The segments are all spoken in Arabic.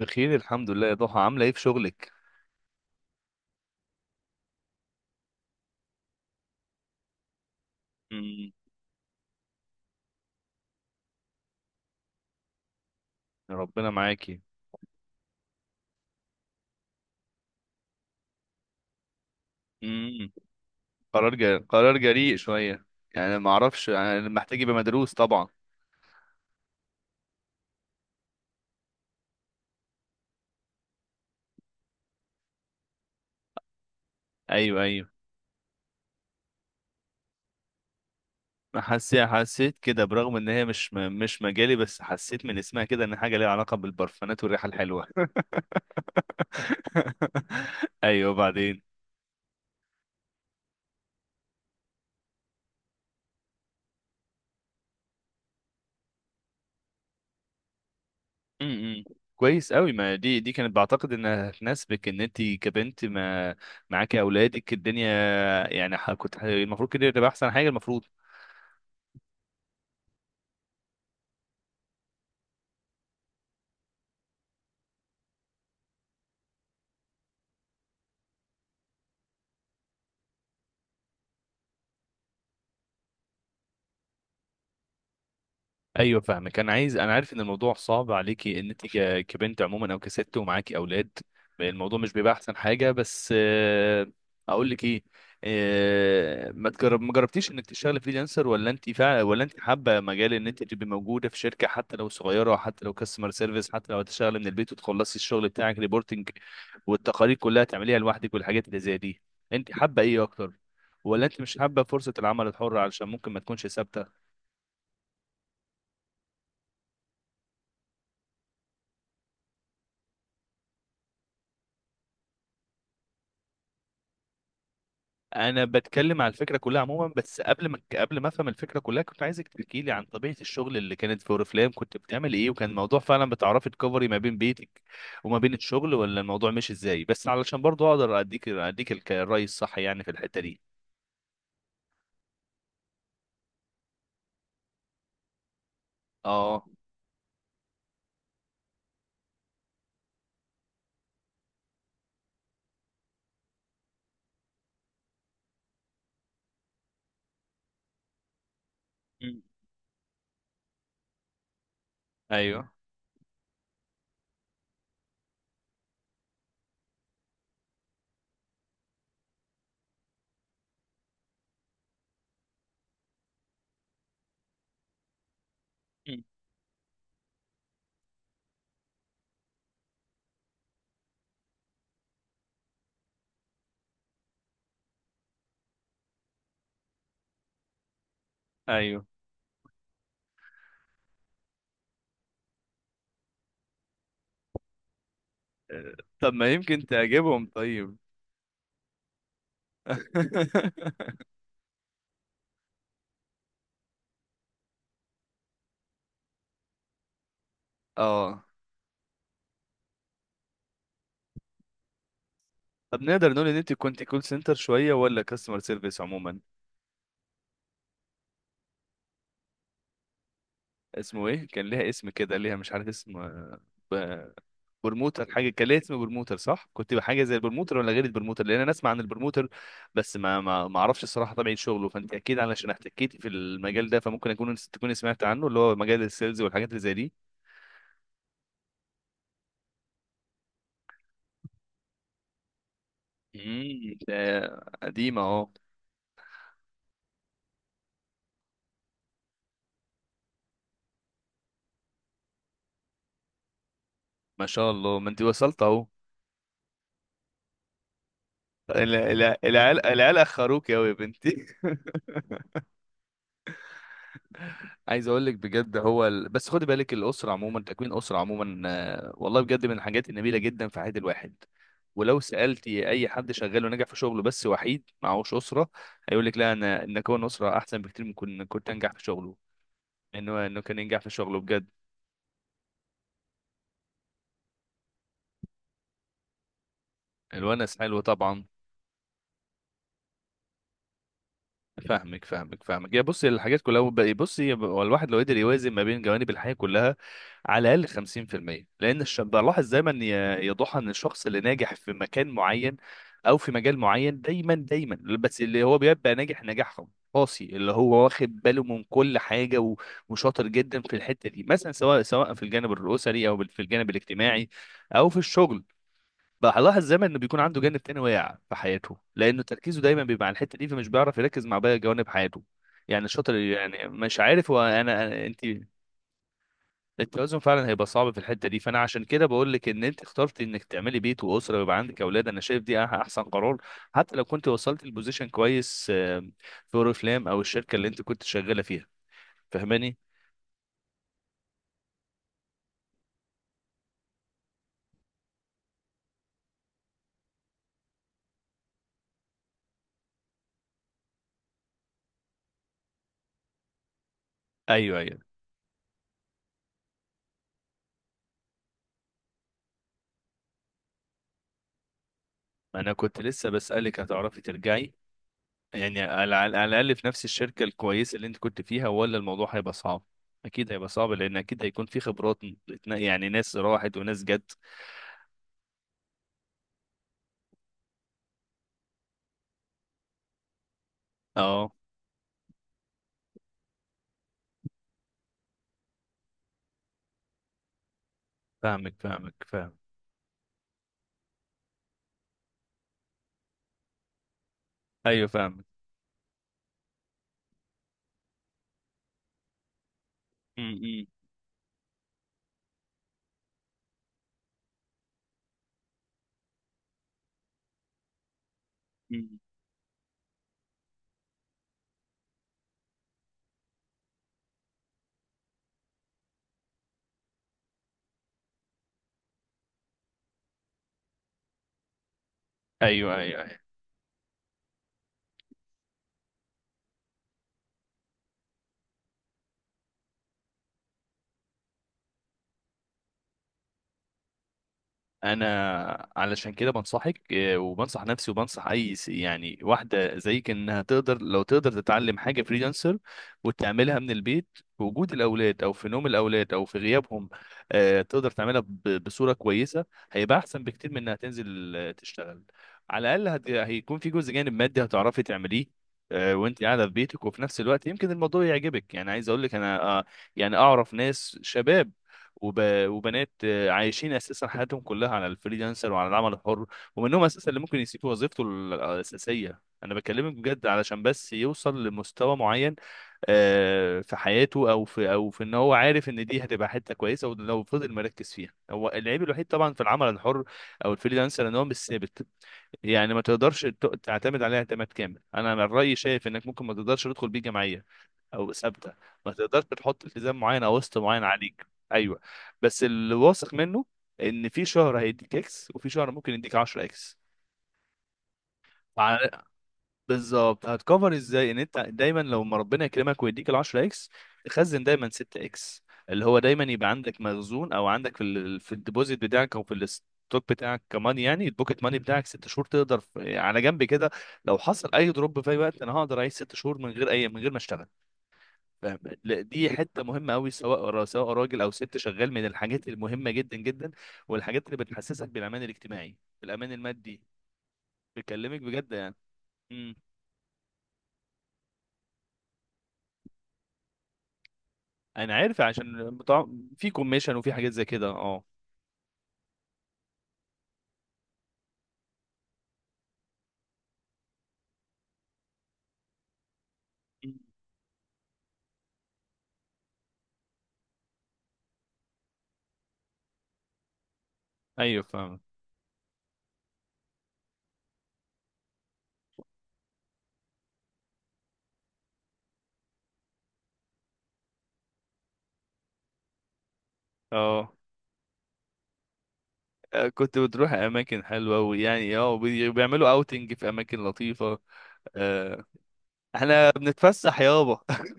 بخير الحمد لله يا ضحى، عاملة ايه في شغلك؟ امم. ربنا معاكي. امم. قرار جريء، قرار جريء شوية. يعني ما اعرفش، يعني محتاج يبقى مدروس طبعا. ايوه، ايوه. حسيت كده، برغم ان هي مش مش مجالي، بس حسيت من اسمها كده ان حاجة ليها علاقة بالبرفانات والريحة الحلوة. ايوه، بعدين. امم. كويس قوي. ما دي كانت بعتقد انها تناسبك، ان انت كبنت ما معاكي اولادك الدنيا. يعني المفروض كده تبقى احسن حاجة المفروض. ايوه، فاهمك. انا عارف ان الموضوع صعب عليكي، ان انت كبنت عموما، او كست ومعاكي اولاد. الموضوع مش بيبقى احسن حاجه، بس اقول لك ايه. ما جربتيش انك تشتغلي فريلانسر، ولا انت حابه مجال ان انت تبقي موجوده في شركه، حتى لو صغيره، حتى لو كاستمر سيرفيس، حتى لو هتشتغلي من البيت وتخلصي الشغل بتاعك ريبورتنج والتقارير كلها تعمليها لوحدك والحاجات اللي زي دي. انت حابه ايه اكتر؟ ولا انت مش حابه فرصه العمل الحر علشان ممكن ما تكونش ثابته؟ انا بتكلم على الفكره كلها عموما، بس قبل ما افهم الفكره كلها كنت عايزك تحكي لي عن طبيعه الشغل اللي كانت في اوريفلام، كنت بتعمل ايه، وكان الموضوع فعلا بتعرفي تكفري ما بين بيتك وما بين الشغل، ولا الموضوع مش ازاي؟ بس علشان برضو اقدر اديك الرأي الصح يعني في الحته دي. اه. مم. ايوه. مم. ايوه. آه، طب ما يمكن تعجبهم؟ طيب. اه. طب نقدر نقول ان انت كنت كول سنتر شويه، ولا كاستمر سيرفيس عموما؟ اسمه ايه؟ كان ليها اسم كده، ليها مش عارف اسم. ب- برموتر، حاجه كان ليها اسم برموتر صح. كنت بحاجه زي البرموتر ولا غير البرموتر؟ لان انا اسمع عن البرموتر، بس ما اعرفش الصراحه طبيعه شغله. فانت اكيد علشان احتكيتي في المجال ده، فممكن تكوني سمعت عنه، اللي هو مجال السيلز والحاجات اللي زي دي. ده قديمه اهو. ما شاء الله، ما انت وصلت اهو. العيال، العيال اخروك قوي يا بنتي. عايز اقول لك بجد، بس خدي بالك، الاسره عموما، تكوين اسره عموما، والله بجد من الحاجات النبيله جدا في حياه الواحد. ولو سالتي اي حد شغال ونجح في شغله بس وحيد معهوش اسره، هيقول لك لا، انا ان اكون اسره احسن بكتير من كنت انجح في شغله، انه كان ينجح في شغله بجد. الونس حلو طبعا. فاهمك، فاهمك، فاهمك. يا بص الحاجات كلها بقى- بص، هو الواحد لو قدر يوازن ما بين جوانب الحياه كلها على الاقل 50%. بلاحظ دايما يا ضحى، ان الشخص اللي ناجح في مكان معين او في مجال معين دايما، دايما، بس اللي هو بيبقى ناجح نجاح قاسي، اللي هو واخد باله من كل حاجه وشاطر جدا في الحته دي، مثلا سواء في الجانب الاسري او في الجانب الاجتماعي او في الشغل، بلاحظ دايما انه بيكون عنده جانب تاني واقع في حياته، لانه تركيزه دايما بيبقى على الحته دي فمش بيعرف يركز مع باقي جوانب حياته. يعني الشاطر، يعني مش عارف هو انا انت. التوازن فعلا هيبقى صعب في الحته دي. فانا عشان كده بقول لك ان انت اخترت انك تعملي بيت واسره ويبقى عندك اولاد، انا شايف دي احسن قرار. حتى لو كنت وصلت البوزيشن كويس، في اوريفلام او الشركه اللي انت كنت شغاله فيها. فاهماني؟ ايوه، ايوه. انا كنت لسه بسالك هتعرفي ترجعي يعني، على الاقل في نفس الشركه الكويسه اللي انت كنت فيها، ولا الموضوع هيبقى صعب؟ اكيد هيبقى صعب، لان اكيد هيكون في خبرات، يعني ناس راحت وناس جت. اه، فاهمك، فاهمك، فاهم. ايوه، فاهمك. م- م- م. ايوه، ايوه، أيوه. انا علشان كده بنصحك، وبنصح نفسي وبنصح يعني واحده زيك، انها تقدر لو تقدر تتعلم حاجه فريلانسر وتعملها من البيت في وجود الاولاد او في نوم الاولاد او في غيابهم. تقدر تعملها بصوره كويسه. هيبقى احسن بكتير من انها تنزل تشتغل. على الاقل هيكون في جزء جانب مادي هتعرفي تعمليه وانت قاعده في بيتك، وفي نفس الوقت يمكن الموضوع يعجبك. يعني عايز اقول لك انا، يعني اعرف ناس شباب وب... وبنات عايشين اساسا حياتهم كلها على الفريلانسر وعلى العمل الحر، ومنهم اساسا اللي ممكن يسيب وظيفته الاساسيه، انا بكلمك بجد، علشان بس يوصل لمستوى معين في حياته، او في، ان هو عارف ان دي هتبقى حته كويسه ولو فضل مركز فيها. هو العيب الوحيد طبعا في العمل الحر او الفريلانسر ان هو مش ثابت، يعني ما تقدرش تعتمد عليه اعتماد كامل. انا من رايي شايف انك ممكن ما تقدرش تدخل بيه جمعيه او ثابته، ما تقدرش تحط التزام معين او قسط معين عليك. ايوه. بس اللي واثق منه ان في شهر هيديك اكس، وفي شهر ممكن يديك 10 اكس. مع- بالظبط، هتكفر ازاي ان انت دايما لو ما ربنا يكرمك ويديك ال 10 اكس، تخزن دايما 6 اكس، اللي هو دايما يبقى عندك مخزون، او عندك في الديبوزيت بتاعك او في الستوك بتاعك. كمان يعني البوكيت ماني بتاعك 6 شهور، تقدر على جنب كده، لو حصل اي دروب في اي وقت انا هقدر اعيش 6 شهور من غير ما اشتغل. فاهم؟ لا، دي حته مهمه قوي، سواء سواء راجل او ست شغال، من الحاجات المهمه جدا جدا، والحاجات اللي بتحسسك بالامان الاجتماعي، بالامان المادي. بكلمك بجد يعني. امم. انا عارف، عشان بتاع في كوميشن وفي حاجات زي كده، اه. مم. ايوه، فاهم. اه، كنت بتروح اماكن حلوه، ويعني اه، وبيعملوا اوتنج في اماكن لطيفه. آه، احنا بنتفسح يابا.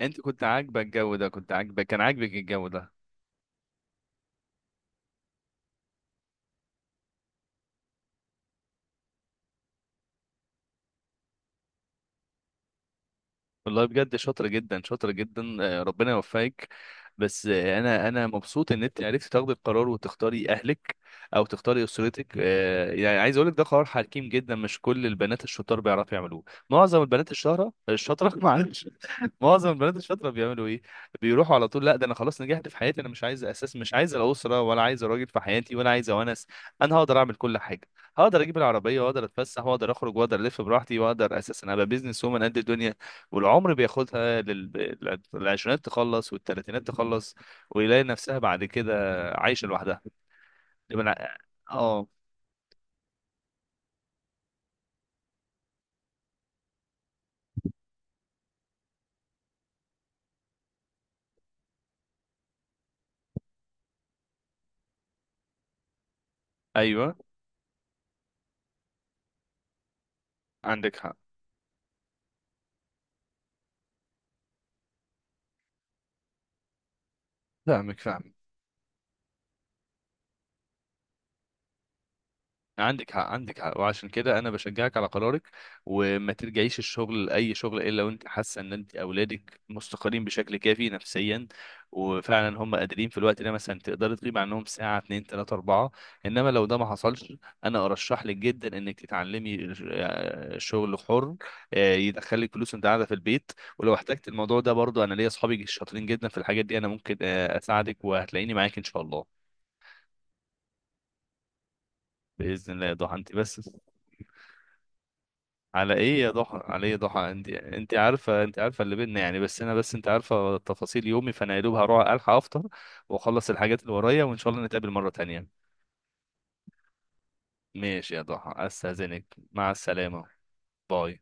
انت كنت عاجبك الجو ده؟ كنت عاجبك كان عاجبك الجو ده؟ والله بجد شاطرة جدا، شاطرة جدا. ربنا يوفقك. بس انا مبسوط ان انت عرفتي تاخدي القرار وتختاري اهلك او تختاري اسرتك. يعني عايز اقول لك، ده قرار حكيم جدا، مش كل البنات الشطار بيعرفوا يعملوه. معظم البنات الشاطره، معلش، معظم البنات الشاطره بيعملوا ايه؟ بيروحوا على طول، لا ده انا خلاص نجحت في حياتي، انا مش عايز الاسره ولا عايز راجل في حياتي ولا عايز ونس، انا هقدر اعمل كل حاجه، هقدر اجيب العربيه واقدر اتفسح واقدر اخرج واقدر الف براحتي، واقدر اساسا ابقى بيزنس وومن قد الدنيا. والعمر بياخدها للعشرينات تخلص والتلاتينات تخلص، ويلاقي نفسها بعد كده عايشة لوحدها. يبقى أنا- اه، ايوه، عندك حق، فاهمك، فاهمك، عندك حق، عندك حق، وعشان كده انا بشجعك على قرارك. وما ترجعيش الشغل لاي شغل الا وانت حاسه ان انت اولادك مستقرين بشكل كافي نفسيا، وفعلا هم قادرين في الوقت ده، مثلا تقدري تغيبي عنهم ساعه، اتنين، تلاته، اربعه. انما لو ده ما حصلش، انا ارشح لك جدا انك تتعلمي شغل حر، يدخلك فلوس وانت قاعده في البيت. ولو احتجت الموضوع ده برضو انا ليا اصحابي شاطرين جدا في الحاجات دي، انا ممكن اساعدك وهتلاقيني معاك ان شاء الله. باذن الله يا ضحى، انت بس على ايه يا ضحى؟ على ايه يا ضحى؟ انت عارفه، انت عارفه اللي بينا يعني. بس انا، بس انت عارفه تفاصيل يومي، فانا يا دوب هروح الحق افطر واخلص الحاجات اللي ورايا وان شاء الله نتقابل مره تانية. ماشي يا ضحى، استاذنك. مع السلامه. باي.